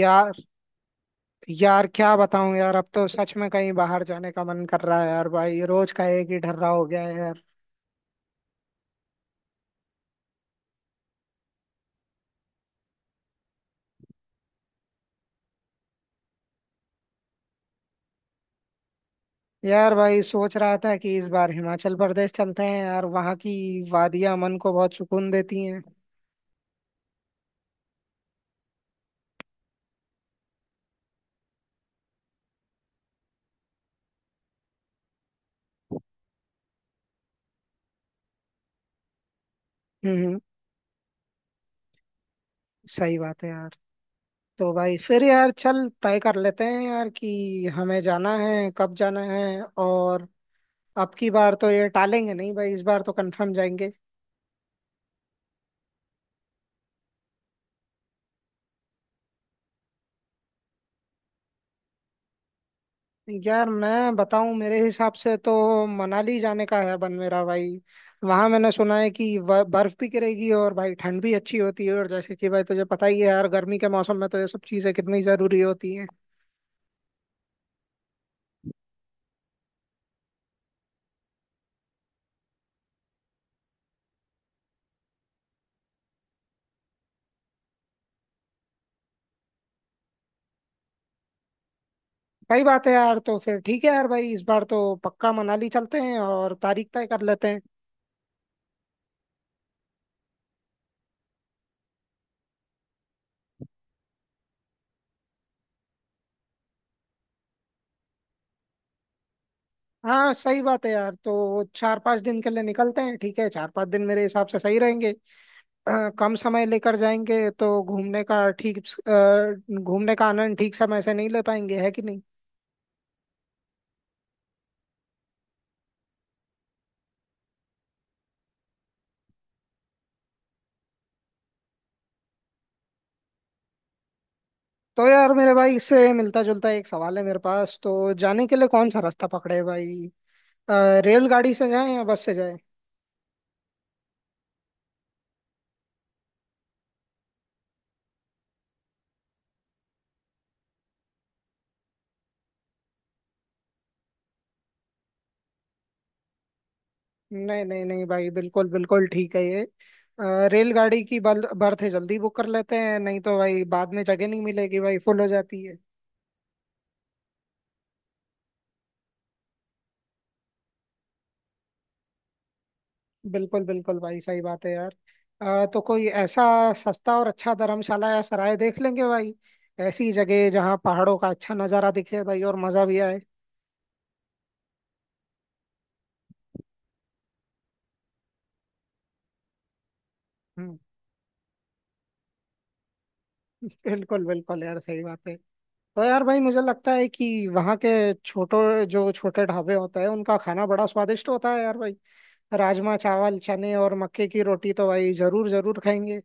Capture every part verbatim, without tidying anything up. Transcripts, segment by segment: यार यार क्या बताऊं यार, अब तो सच में कहीं बाहर जाने का मन कर रहा है यार भाई। रोज का एक ही ढर्रा हो गया है यार। यार भाई, सोच रहा था कि इस बार हिमाचल प्रदेश चलते हैं यार। वहाँ की वादियां मन को बहुत सुकून देती हैं। हम्म, हम्म, सही बात है यार। तो भाई फिर यार, चल तय कर लेते हैं यार कि हमें जाना है, कब जाना है। और अब की बार तो ये टालेंगे नहीं भाई, इस बार तो कंफर्म जाएंगे। यार मैं बताऊं, मेरे हिसाब से तो मनाली जाने का है बन मेरा भाई। वहां मैंने सुना है कि व- बर्फ भी गिरेगी और भाई ठंड भी अच्छी होती है। और जैसे कि भाई तुझे पता ही है यार, गर्मी के मौसम में तो ये सब चीजें कितनी जरूरी होती हैं। सही बात है यार। तो फिर ठीक है यार भाई, इस बार तो पक्का मनाली चलते हैं और तारीख तय कर लेते हैं। हाँ, सही बात है यार, तो चार पांच दिन के लिए निकलते हैं। ठीक है, चार पांच दिन मेरे हिसाब से सही रहेंगे। अ, कम समय लेकर जाएंगे तो घूमने का ठीक अ, घूमने का आनंद ठीक समय से नहीं ले पाएंगे, है कि नहीं। तो यार मेरे भाई, इससे मिलता जुलता एक सवाल है मेरे पास। तो जाने के लिए कौन सा रास्ता पकड़े भाई? अ, रेलगाड़ी से जाएं या बस से जाएं? नहीं, नहीं, नहीं भाई, बिल्कुल बिल्कुल ठीक है ये। अ, रेलगाड़ी की बल- बर्थ जल्दी बुक कर लेते हैं, नहीं तो भाई बाद में जगह नहीं मिलेगी भाई, फुल हो जाती है। बिल्कुल बिल्कुल भाई, सही बात है यार। अ, तो कोई ऐसा सस्ता और अच्छा धर्मशाला या सराय देख लेंगे भाई। ऐसी जगह जहाँ पहाड़ों का अच्छा नज़ारा दिखे भाई और मज़ा भी आए। हम्म। बिल्कुल बिल्कुल यार, सही बात है। तो यार भाई मुझे लगता है कि वहाँ के छोटो जो छोटे ढाबे होते हैं, उनका खाना बड़ा स्वादिष्ट होता है यार भाई। राजमा, चावल, चने और मक्के की रोटी तो भाई जरूर जरूर खाएंगे।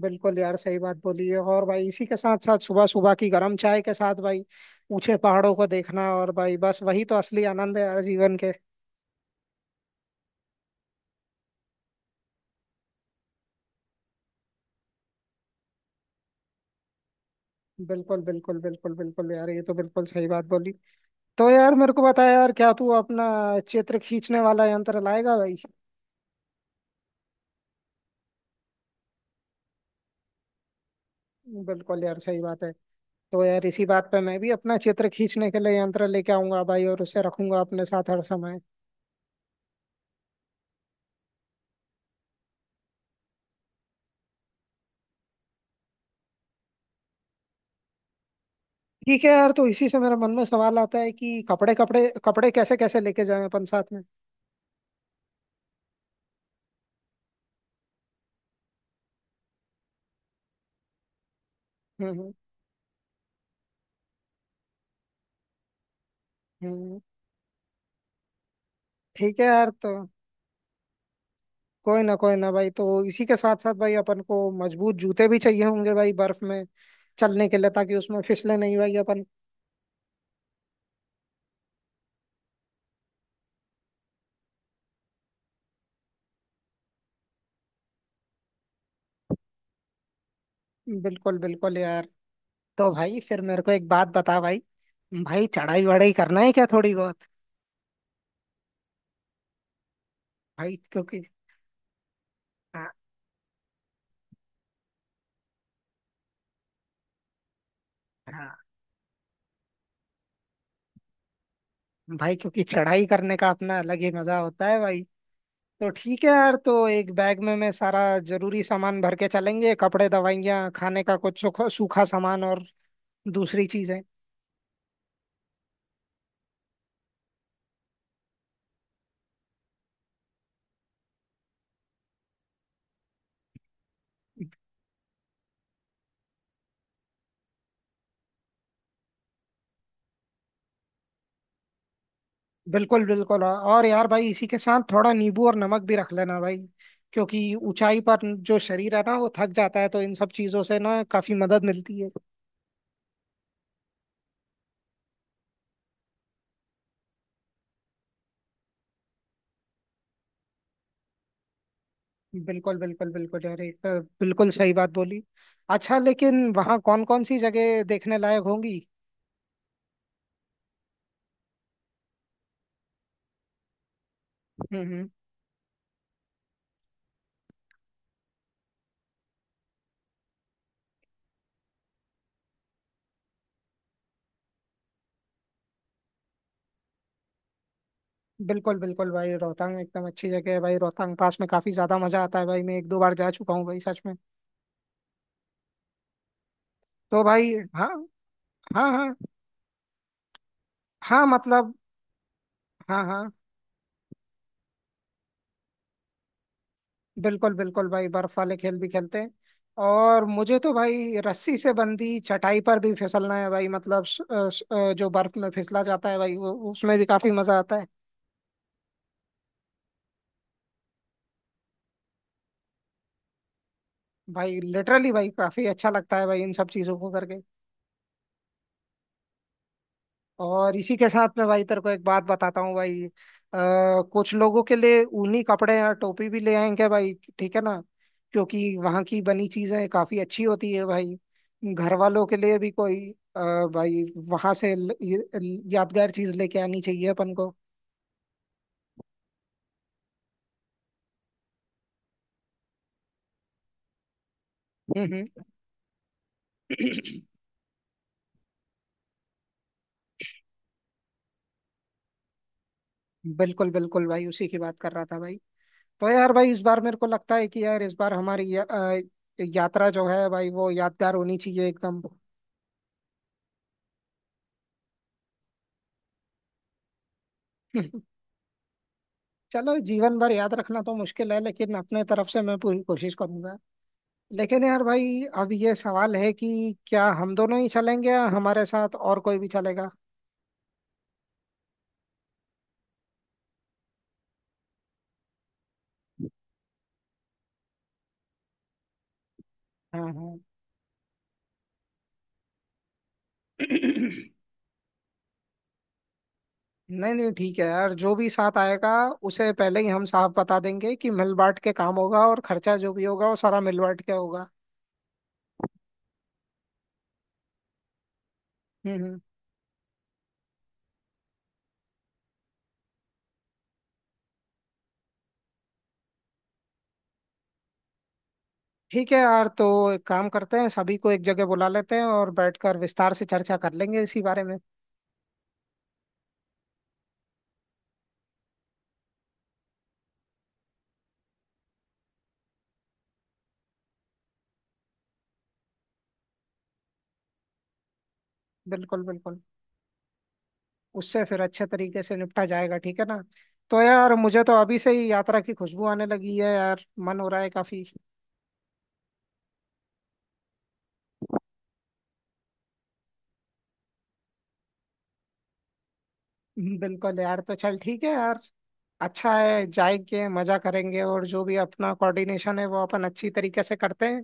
बिल्कुल यार, सही बात बोली है। और भाई इसी के साथ साथ सुबह सुबह की गर्म चाय के साथ भाई ऊंचे पहाड़ों को देखना, और भाई बस वही तो असली आनंद है यार जीवन के। बिल्कुल, बिल्कुल, बिल्कुल, बिल्कुल यार, ये तो बिल्कुल सही बात बोली। तो यार मेरे को बता यार, क्या तू अपना चित्र खींचने वाला यंत्र लाएगा भाई? बिल्कुल यार, सही बात है। तो यार इसी बात पे मैं भी अपना चित्र खींचने के लिए यंत्र लेके आऊंगा भाई, और उसे रखूंगा अपने साथ हर समय। ठीक है यार, तो इसी से मेरे मन में सवाल आता है कि कपड़े कपड़े कपड़े कैसे कैसे लेके जाएं अपन साथ में। हम्म, हम्म। हम्म। ठीक है यार, तो कोई ना कोई ना भाई। तो इसी के साथ साथ भाई अपन को मजबूत जूते भी चाहिए होंगे भाई, बर्फ में चलने के लिए, ताकि उसमें फिसले नहीं भाई अपन। बिल्कुल बिल्कुल यार। तो भाई फिर मेरे को एक बात बता भाई। भाई चढ़ाई वढ़ाई करना है क्या थोड़ी बहुत भाई? क्योंकि हाँ, हाँ भाई, क्योंकि चढ़ाई करने का अपना अलग ही मजा होता है भाई। तो ठीक है यार। तो एक बैग में मैं सारा जरूरी सामान भर के चलेंगे, कपड़े, दवाइयाँ, खाने का कुछ सूखा सूखा सामान और दूसरी चीजें। बिल्कुल, बिल्कुल, हाँ। और यार भाई इसी के साथ थोड़ा नींबू और नमक भी रख लेना भाई, क्योंकि ऊंचाई पर जो शरीर है ना, वो थक जाता है। तो इन सब चीजों से ना काफी मदद मिलती है। बिल्कुल, बिल्कुल, बिल्कुल यार, एक तो बिल्कुल सही बात बोली। अच्छा, लेकिन वहाँ कौन कौन सी जगह देखने लायक होंगी? हम्म, हम्म। बिल्कुल बिल्कुल भाई, रोहतांग एकदम अच्छी जगह है भाई। रोहतांग पास में काफी ज्यादा मजा आता है भाई। मैं एक दो बार जा चुका हूँ भाई, सच में। तो भाई हाँ, हाँ, हाँ, हाँ, मतलब हाँ, हाँ, बिल्कुल बिल्कुल भाई, बर्फ वाले खेल भी खेलते हैं। और मुझे तो भाई रस्सी से बंधी चटाई पर भी फिसलना है भाई, मतलब स- अ, स- अ, जो बर्फ में फिसला जाता है भाई, वो उसमें भी काफी मजा आता है। भाई लिटरली भाई, काफी अच्छा लगता है भाई इन सब चीजों को करके। और इसी के साथ में भाई तेरे को एक बात बताता हूँ भाई। आ, कुछ लोगों के लिए ऊनी कपड़े या टोपी भी ले आएंगे भाई, ठीक है ना। क्योंकि वहाँ की बनी चीजें काफी अच्छी होती है भाई। घर वालों के लिए भी कोई आ, भाई वहां से ल- ये- यादगार चीज लेके आनी चाहिए अपन को। हम्म, हम्म। बिल्कुल बिल्कुल भाई, उसी की बात कर रहा था भाई। तो यार भाई, इस बार मेरे को लगता है कि यार इस बार हमारी या, अ, यात्रा जो है भाई, वो यादगार होनी चाहिए एकदम। चलो, जीवन भर याद रखना तो मुश्किल है, लेकिन अपने तरफ से मैं पूरी कोशिश करूंगा। लेकिन यार भाई, अब ये सवाल है कि क्या हम दोनों ही चलेंगे, या हमारे साथ और कोई भी चलेगा? हाँ, हाँ। नहीं, नहीं, ठीक है यार, जो भी साथ आएगा उसे पहले ही हम साफ बता देंगे कि मिल बांट के काम होगा, और खर्चा जो भी होगा वो सारा मिल बांट के होगा। हम्म, हम्म। ठीक है यार, तो एक काम करते हैं, सभी को एक जगह बुला लेते हैं और बैठकर विस्तार से चर्चा कर लेंगे इसी बारे में। बिल्कुल, बिल्कुल। उससे फिर अच्छे तरीके से निपटा जाएगा, ठीक है ना। तो यार, मुझे तो अभी से ही यात्रा की खुशबू आने लगी है यार, मन हो रहा है काफी। बिल्कुल यार, तो चल ठीक है यार। अच्छा है, जाएंगे, मजा करेंगे, और जो भी अपना कोऑर्डिनेशन है वो अपन अच्छी तरीके से करते हैं।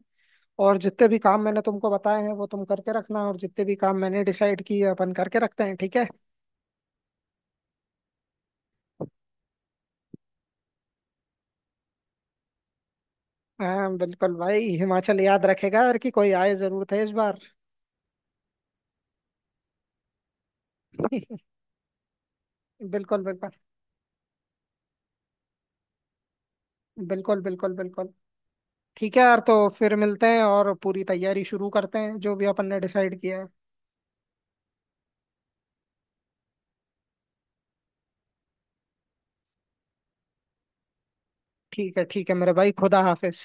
और जितने भी काम मैंने तुमको बताए हैं वो तुम करके रखना, और जितने भी काम मैंने डिसाइड किए, अपन करके रखते हैं, ठीक है। हाँ बिल्कुल भाई, हिमाचल याद रखेगा यार कि कोई आए जरूर थे इस बार। बिल्कुल, बिल्कुल, बिल्कुल, बिल्कुल, बिल्कुल। ठीक है यार, तो फिर मिलते हैं और पूरी तैयारी शुरू करते हैं जो भी अपन ने डिसाइड किया है। ठीक है, ठीक है मेरे भाई। खुदा हाफिज।